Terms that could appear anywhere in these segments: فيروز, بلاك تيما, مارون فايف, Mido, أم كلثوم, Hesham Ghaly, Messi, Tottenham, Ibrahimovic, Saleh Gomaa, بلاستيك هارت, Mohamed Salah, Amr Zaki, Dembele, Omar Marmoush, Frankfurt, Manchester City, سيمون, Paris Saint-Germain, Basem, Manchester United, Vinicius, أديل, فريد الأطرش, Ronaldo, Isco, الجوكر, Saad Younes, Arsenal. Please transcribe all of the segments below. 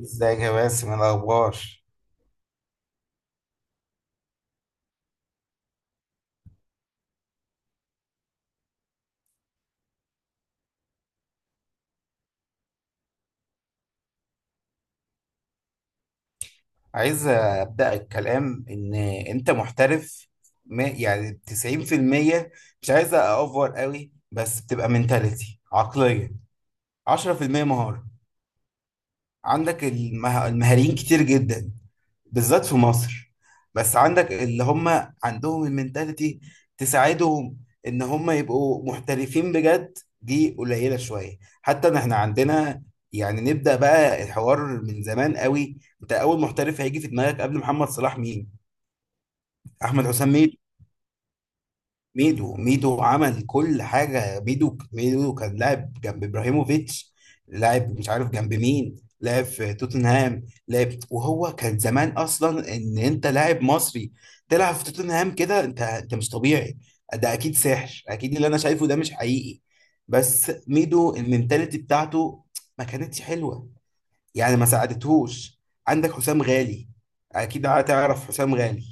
ازيك يا باسم، إيه الاخبار؟ عايز ابدا الكلام، ان انت محترف يعني 90%، مش عايز اوفر قوي، بس بتبقى منتاليتي، عقليه. 10% مهاره. عندك المهاريين كتير جدا، بالذات في مصر. بس عندك اللي هم عندهم المنتاليتي تساعدهم ان هم يبقوا محترفين بجد، دي قليلة شوية، حتى ان احنا عندنا. يعني نبدأ بقى الحوار من زمان قوي، انت اول محترف هيجي في دماغك قبل محمد صلاح مين؟ احمد حسام ميدو. ميدو ميدو عمل كل حاجة، ميدو ميدو كان لاعب جنب ابراهيموفيتش، لاعب مش عارف جنب مين، لاعب في توتنهام. لاعب، وهو كان زمان اصلا ان انت لاعب مصري تلعب في توتنهام كده، انت مش طبيعي. ده اكيد سحر، اكيد اللي انا شايفه ده مش حقيقي. بس ميدو المنتاليتي بتاعته ما كانتش حلوة، يعني ما ساعدتهوش. عندك حسام غالي، اكيد هتعرف حسام غالي.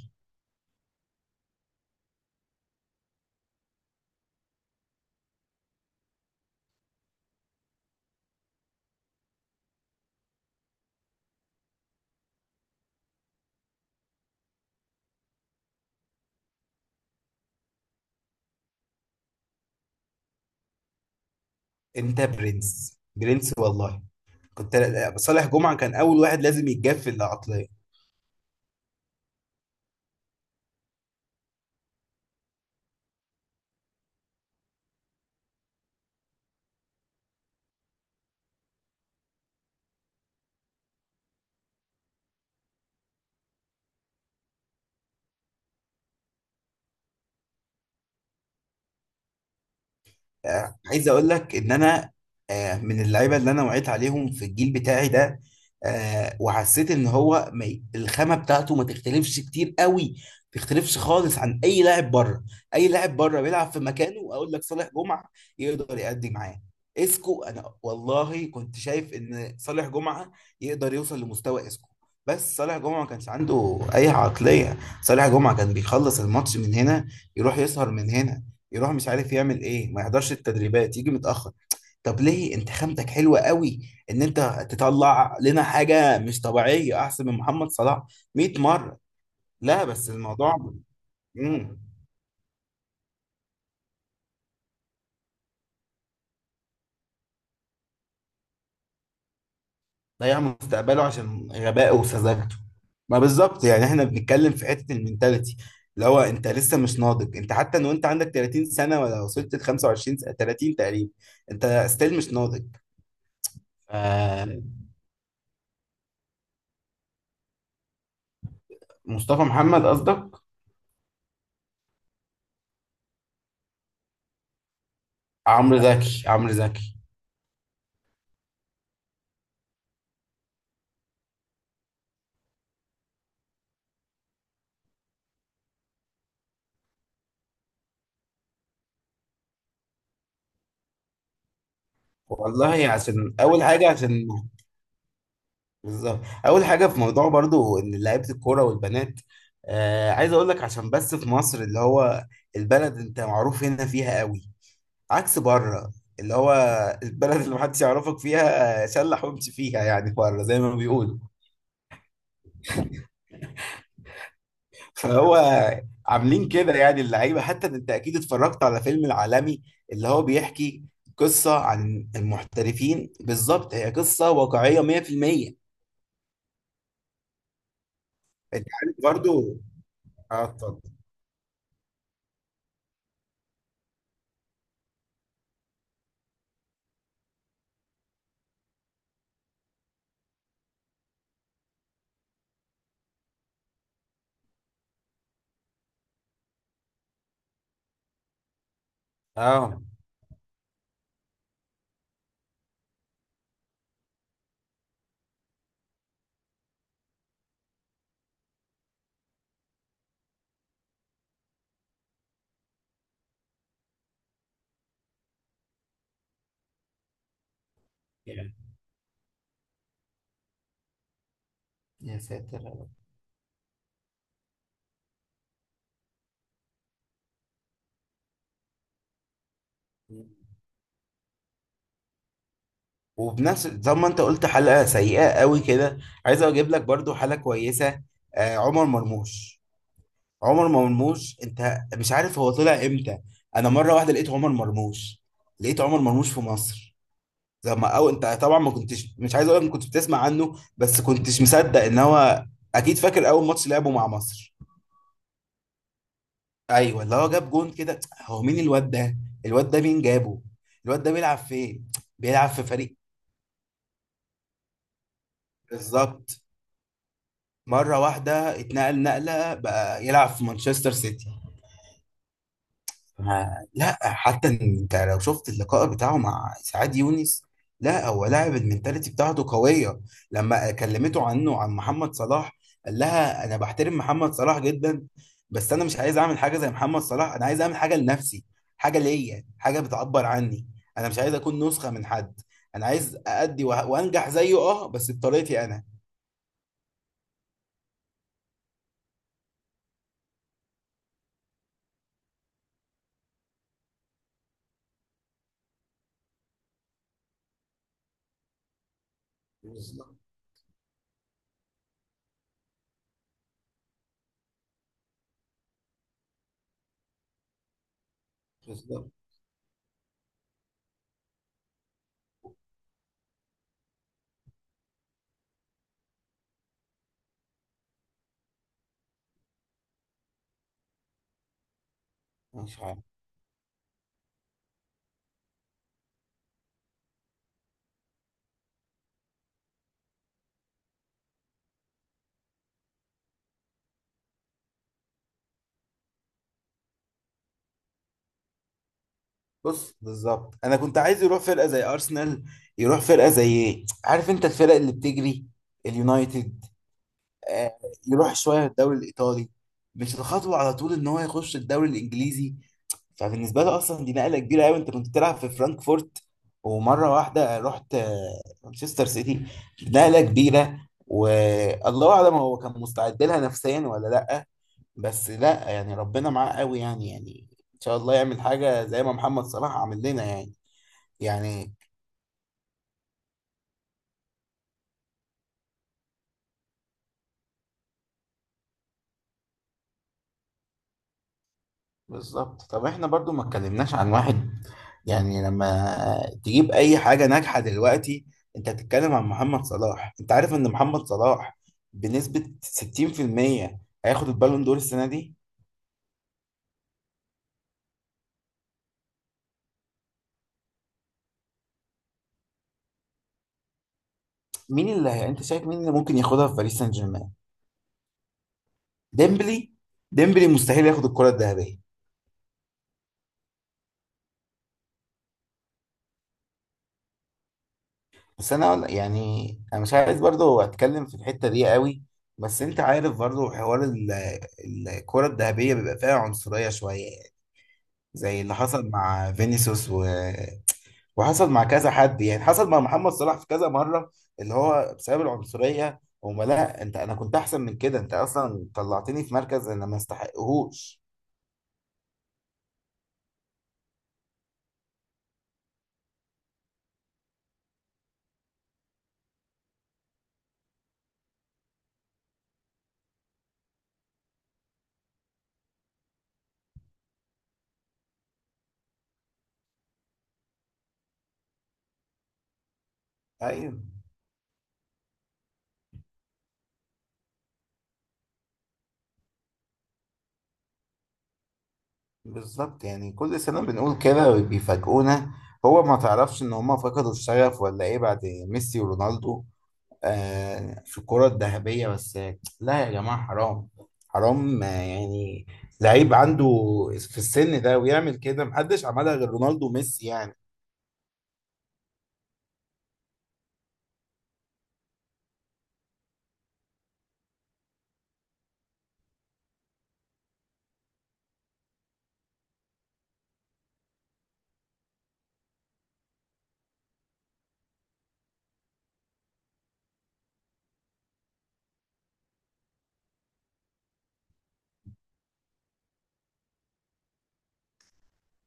انت برنس، برنس والله. كنت صالح جمعة كان أول واحد لازم يتجاب في العقلية. عايز اقول لك ان انا، من اللعيبه اللي انا وعيت عليهم في الجيل بتاعي ده، وحسيت ان هو ما ي- الخامه بتاعته ما تختلفش كتير قوي، ما تختلفش خالص عن اي لاعب بره. اي لاعب بره بيلعب في مكانه اقول لك صالح جمعه يقدر يأدي معاه. اسكو، انا والله كنت شايف ان صالح جمعه يقدر يوصل لمستوى اسكو. بس صالح جمعه ما كانش عنده اي عقليه، صالح جمعه كان بيخلص الماتش من هنا يروح يسهر، من هنا يروح مش عارف يعمل ايه، ما يحضرش التدريبات، يجي متأخر. طب ليه؟ انت خامتك حلوة قوي، ان انت تطلع لنا حاجة مش طبيعية احسن من محمد صلاح 100 مرة. لا، بس الموضوع. امم. ضيع مستقبله عشان غبائه وسذاجته. ما بالظبط، يعني احنا بنتكلم في حتة المينتاليتي، اللي هو انت لسه مش ناضج، انت حتى لو انت عندك 30 سنة، ولا وصلت ل 25 سنة، 30 تقريبا، انت ستيل مش ناضج. آه، مصطفى محمد قصدك؟ عمرو زكي، عمرو زكي. والله عشان اول حاجه، عشان بالظبط، اول حاجه في موضوع برضو ان لعيبه الكوره والبنات. آه عايز اقول لك، عشان بس في مصر اللي هو البلد انت معروف هنا فيها قوي، عكس بره اللي هو البلد اللي محدش يعرفك فيها، شلح وامشي فيها يعني بره زي ما بيقولوا. فهو عاملين كده يعني اللعيبه، حتى انت اكيد اتفرجت على فيلم العالمي، اللي هو بيحكي قصه عن المحترفين، بالظبط هي قصه واقعيه 100%. انت عارف برضو، اه اتفضل. اه، يا ساتر. وبنفس زي ما انت قلت حلقة سيئة قوي كده، عايز اجيب لك برضو حلقة كويسة، آه عمر مرموش. عمر مرموش، انت مش عارف هو طلع امتى. انا مرة واحدة لقيت عمر مرموش، لقيت عمر مرموش في مصر، زي ما انت طبعا ما كنتش مش عايز اقول لك ما كنتش بتسمع عنه، بس كنتش مصدق ان هو. اكيد فاكر اول ماتش لعبه مع مصر. ايوه، اللي هو جاب جون كده. هو مين الواد ده؟ الواد ده مين جابه؟ الواد ده بيلعب فين؟ بيلعب في فريق. بالظبط. مره واحده اتنقل نقله بقى يلعب في مانشستر سيتي. لا، حتى إن انت لو شفت اللقاء بتاعه مع سعاد يونس، لا هو لاعب المنتاليتي بتاعته قوية. لما كلمته عنه، عن محمد صلاح، قال لها انا بحترم محمد صلاح جدا، بس انا مش عايز اعمل حاجة زي محمد صلاح، انا عايز اعمل حاجة لنفسي، حاجة ليا، حاجة بتعبر عني، انا مش عايز اكون نسخة من حد، انا عايز اأدي وانجح زيه، اه بس بطريقتي انا. بالظبط، بالظبط. مش عارف. بص بالظبط، انا كنت عايز يروح فرقه زي ارسنال، يروح فرقه زي ايه، عارف انت الفرق اللي بتجري، اليونايتد. آه يروح شويه الدوري الايطالي، مش الخطوه على طول ان هو يخش الدوري الانجليزي. فبالنسبه له اصلا دي نقله كبيره قوي، انت كنت بتلعب في فرانكفورت، ومره واحده رحت مانشستر سيتي، نقله كبيره. والله اعلم هو كان مستعد لها نفسيا ولا لا، بس لا يعني ربنا معاه قوي، يعني ان شاء الله يعمل حاجه زي ما محمد صلاح عمل لنا يعني. يعني بالظبط. طب احنا برضو ما اتكلمناش عن واحد، يعني لما تجيب اي حاجة ناجحة دلوقتي انت هتتكلم عن محمد صلاح، انت عارف ان محمد صلاح بنسبة 60% هياخد البالون دور السنة دي. مين انت شايف مين اللي ممكن ياخدها في باريس سان جيرمان؟ ديمبلي. ديمبلي مستحيل ياخد الكرة الذهبية. بس انا يعني انا مش عايز برضو اتكلم في الحتة دي قوي، بس انت عارف برضو حوار الكرة الذهبية بيبقى فيها عنصرية شوية، زي اللي حصل مع فينيسيوس وحصل مع كذا حد، يعني حصل مع محمد صلاح في كذا مرة، اللي هو بسبب العنصرية هما، لا انت انا كنت احسن من كده، انت اصلا طلعتني في مركز انا ما استحقهوش. ايوه. بالظبط، يعني كل سنة بنقول كده وبيفاجئونا، هو ما تعرفش ان هما فقدوا الشغف ولا ايه بعد ميسي ورونالدو، في الكرة الذهبية بس. لا يا جماعة حرام، حرام، يعني لعيب عنده في السن ده ويعمل كده، محدش عملها غير رونالدو وميسي يعني.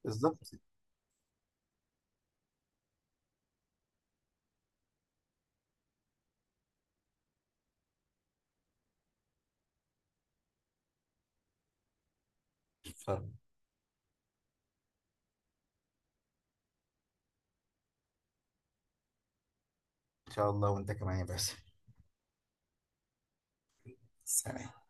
بالظبط. فإن شاء الله، وأنت كمان يا باسم. سلام.